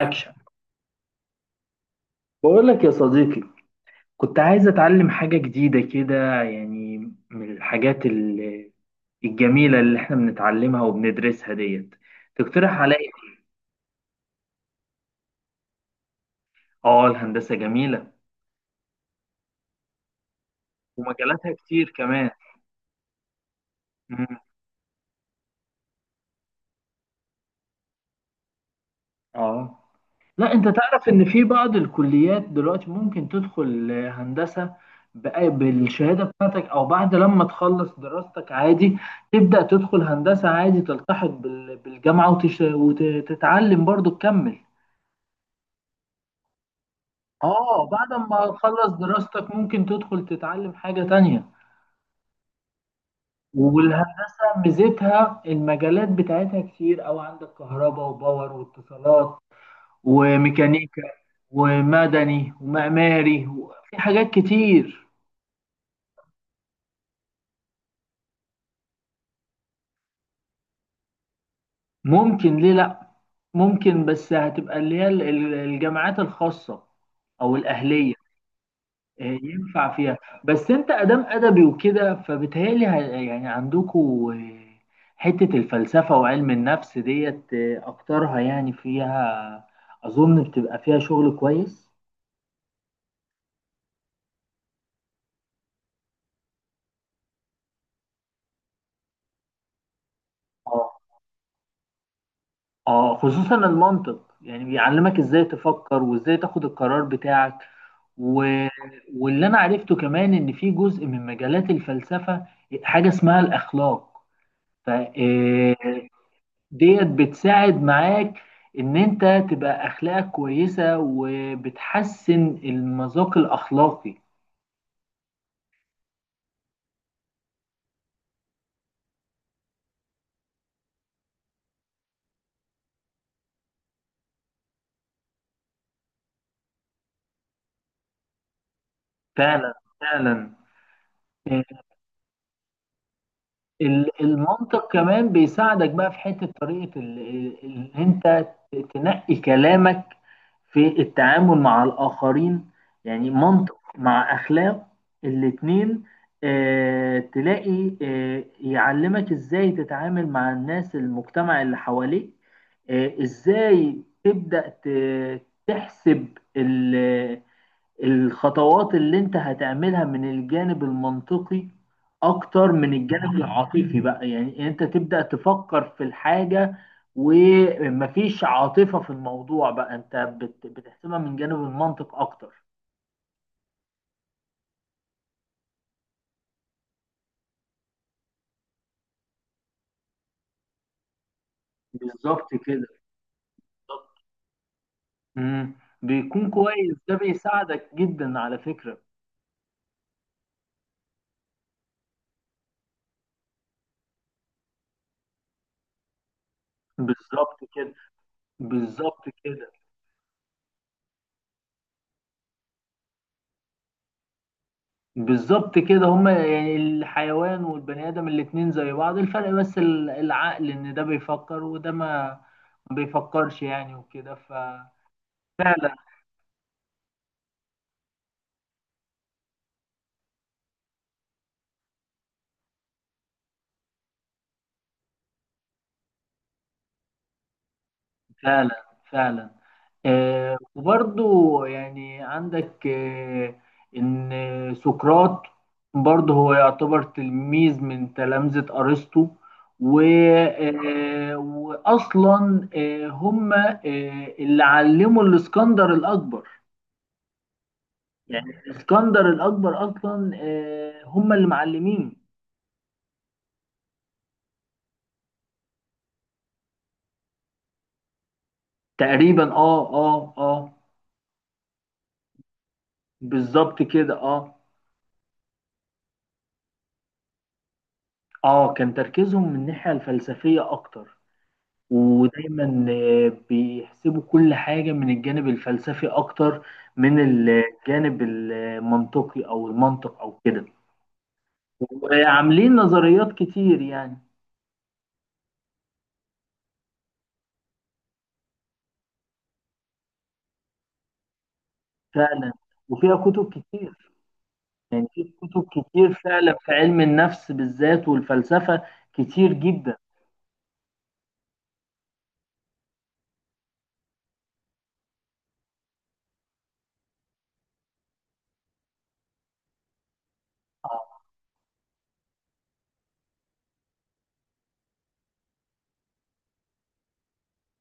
اكشن. بقول لك يا صديقي، كنت عايز اتعلم حاجة جديدة كده يعني. من الحاجات الجميلة اللي احنا بنتعلمها وبندرسها ديت. تقترح عليا؟ اه، الهندسة جميلة ومجالاتها كتير كمان. مم. اه، لا انت تعرف ان في بعض الكليات دلوقتي ممكن تدخل هندسة بالشهادة بتاعتك او بعد لما تخلص دراستك عادي. تبدأ تدخل هندسة عادي، تلتحق بالجامعة وتتعلم برضو تكمل. اه، بعد ما تخلص دراستك ممكن تدخل تتعلم حاجة تانية. والهندسة ميزتها المجالات بتاعتها كتير، أو عندك كهرباء وباور واتصالات وميكانيكا ومدني ومعماري. في حاجات كتير. ممكن، ليه لأ؟ ممكن، بس هتبقى اللي هي الجامعات الخاصة أو الأهلية. ينفع فيها. بس انت ادام ادبي وكده، فبتهيألي يعني عندكوا حتة الفلسفة وعلم النفس ديت، اكترها يعني فيها اظن بتبقى فيها شغل كويس. اه. اه، خصوصا المنطق، يعني بيعلمك ازاي تفكر وازاي تاخد القرار بتاعك و... واللي انا عرفته كمان ان في جزء من مجالات الفلسفة حاجة اسمها الاخلاق. ف آه، ديت بتساعد معاك ان انت تبقى اخلاقك كويسة، وبتحسن المذاق الاخلاقي. فعلا، فعلا. المنطق كمان بيساعدك بقى في حتة طريقة اللي انت تنقي كلامك في التعامل مع الآخرين. يعني منطق مع أخلاق الاتنين، تلاقي يعلمك ازاي تتعامل مع الناس، المجتمع اللي حواليك. ازاي تبدأ تحسب ال- الخطوات اللي انت هتعملها من الجانب المنطقي اكتر من الجانب العاطفي، بقى يعني انت تبدأ تفكر في الحاجة ومفيش عاطفة في الموضوع، بقى انت بتحسبها من جانب المنطق اكتر. بالظبط كده، بالظبط. مم. بيكون كويس، ده بيساعدك جدا على فكرة. بالظبط كده، بالظبط كده. بالظبط كده، هما يعني الحيوان والبني آدم الاتنين زي بعض، الفرق بس العقل، إن ده بيفكر وده ما بيفكرش يعني وكده، ففعلا. فعلا، فعلا. وبرضو يعني عندك إن سقراط برضه هو يعتبر تلميذ من تلامذة أرسطو، و آه وأصلا هما اللي علموا الإسكندر الأكبر. يعني اسكندر الاكبر اصلا هم اللي معلمين. تقريبا، اه، اه، اه. بالظبط كده، اه. اه، كان تركيزهم من الناحيه الفلسفيه اكتر، ودايما بيحسبوا كل حاجه من الجانب الفلسفي اكتر من الجانب المنطقي، او المنطق او كده. وعاملين نظريات كتير يعني. فعلا، وفيها كتب كتير. يعني في كتب كتير فعلا في علم النفس بالذات، والفلسفه كتير جدا.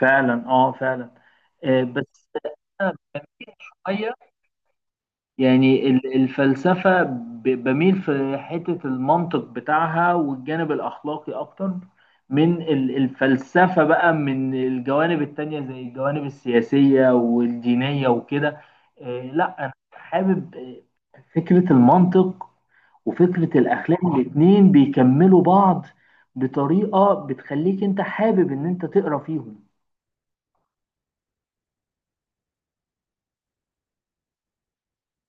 فعلا، اه، فعلا. بس شوية، يعني الفلسفة بميل في حتة المنطق بتاعها والجانب الأخلاقي أكتر من الفلسفة بقى، من الجوانب التانية زي الجوانب السياسية والدينية وكده. لا، أنا حابب فكرة المنطق وفكرة الأخلاق الاتنين بيكملوا بعض بطريقة بتخليك أنت حابب إن أنت تقرأ فيهم.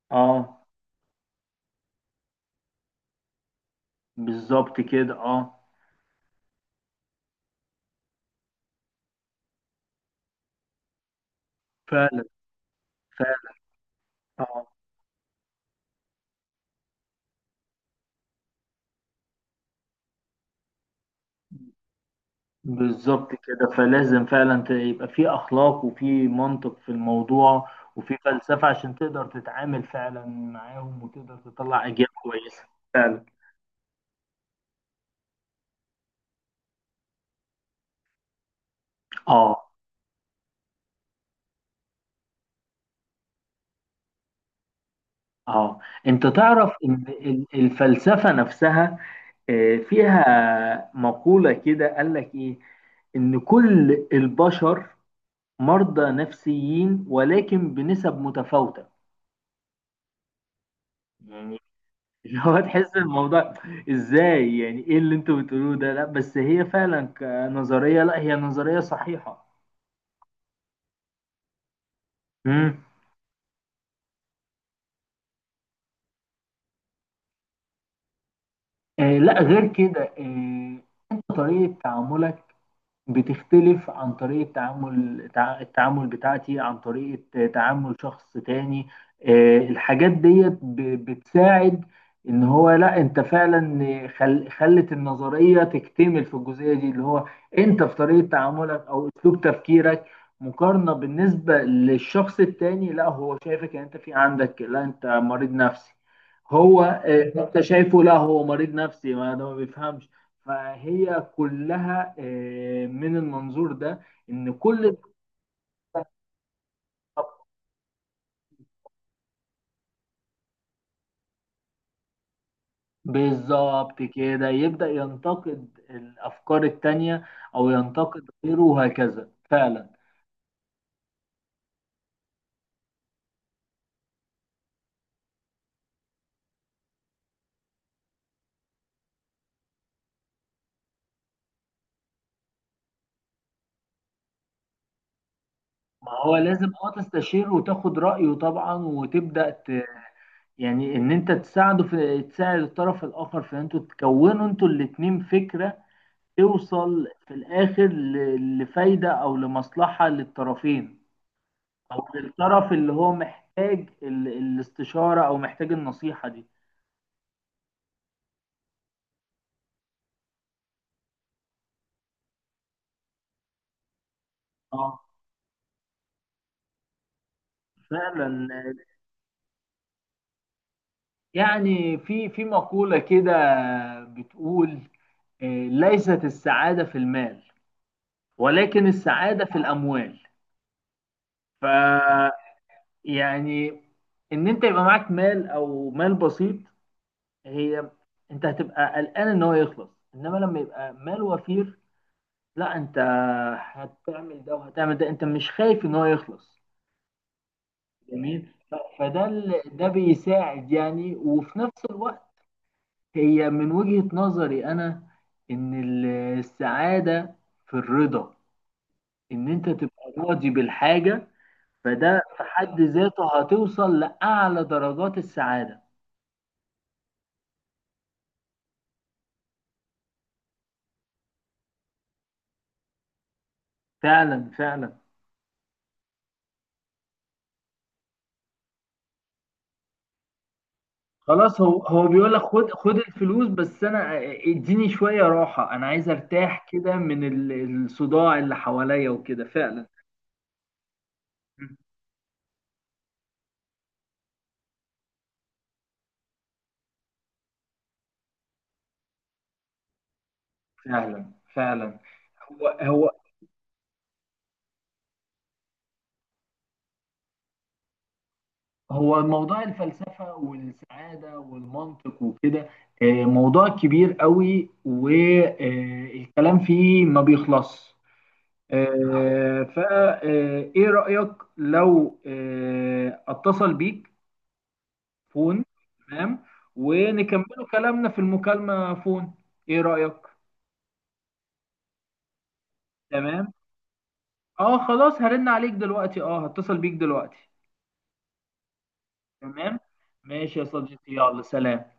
اه، بالظبط كده. اه، فعلا، فعلا. اه، بالظبط كده، فلازم فعلا يبقى في اخلاق وفي منطق في الموضوع، وفي فلسفة عشان تقدر تتعامل فعلا معاهم وتقدر تطلع اجيال كويسة. فعلا. اه. اه، انت تعرف ان الفلسفة نفسها فيها مقولة كده، قال لك ايه؟ ان كل البشر مرضى نفسيين ولكن بنسب متفاوتة. يعني اللي هو تحس الموضوع ازاي، يعني ايه اللي انتوا بتقولوه ده؟ لا بس هي فعلا كنظرية، لا هي نظرية صحيحة. امم. لا، غير كده. انت طريقة تعاملك بتختلف عن طريقة تعامل التعامل بتاعتي، عن طريقة تعامل شخص تاني. الحاجات ديت بتساعد ان هو، لا انت فعلا خلت النظرية تكتمل في الجزئية دي، اللي هو انت في طريقة تعاملك او اسلوب تفكيرك مقارنة بالنسبة للشخص التاني، لا هو شايفك ان انت في عندك، لا انت مريض نفسي، هو انت شايفه، لا هو مريض نفسي، ما ده ما بيفهمش. فهي كلها من المنظور ده ان كل. بالظبط كده، يبدأ ينتقد الأفكار التانية أو ينتقد غيره وهكذا، فعلا. ما هو لازم تستشير وتاخد رأيه طبعا، يعني إن أنت تساعده في، تساعد الطرف الآخر في إن أنتوا تكونوا أنتوا الاتنين فكرة، توصل في الآخر لفايدة أو لمصلحة للطرفين، او للطرف اللي هو محتاج الاستشارة او محتاج النصيحة دي. اه، فعلا. يعني في مقولة كده بتقول ليست السعادة في المال، ولكن السعادة في الأموال. ف يعني إن أنت يبقى معاك مال أو مال بسيط، هي أنت هتبقى قلقان إن هو يخلص. إنما لما يبقى مال وفير، لا أنت هتعمل ده وهتعمل ده، أنت مش خايف إن هو يخلص. جميل. فده ده بيساعد يعني، وفي نفس الوقت هي من وجهة نظري انا ان السعادة في الرضا، ان انت تبقى راضي بالحاجة. فده في حد ذاته هتوصل لأعلى درجات السعادة. فعلا، فعلا. خلاص، هو بيقول لك خد خد الفلوس، بس انا اديني شوية راحة، انا عايز ارتاح كده من الصداع اللي حواليا وكده، فعلا. فعلا، فعلا. هو هو هو موضوع الفلسفة والسعادة والمنطق وكده، موضوع كبير قوي والكلام فيه ما بيخلص. فإيه رأيك، لو أتصل بيك فون؟ تمام. ونكملوا كلامنا في المكالمة فون. إيه رأيك؟ تمام. اه، خلاص هرن عليك دلوقتي، اه هتصل بيك دلوقتي. تمام. ماشي يا صديقي، يلا سلام.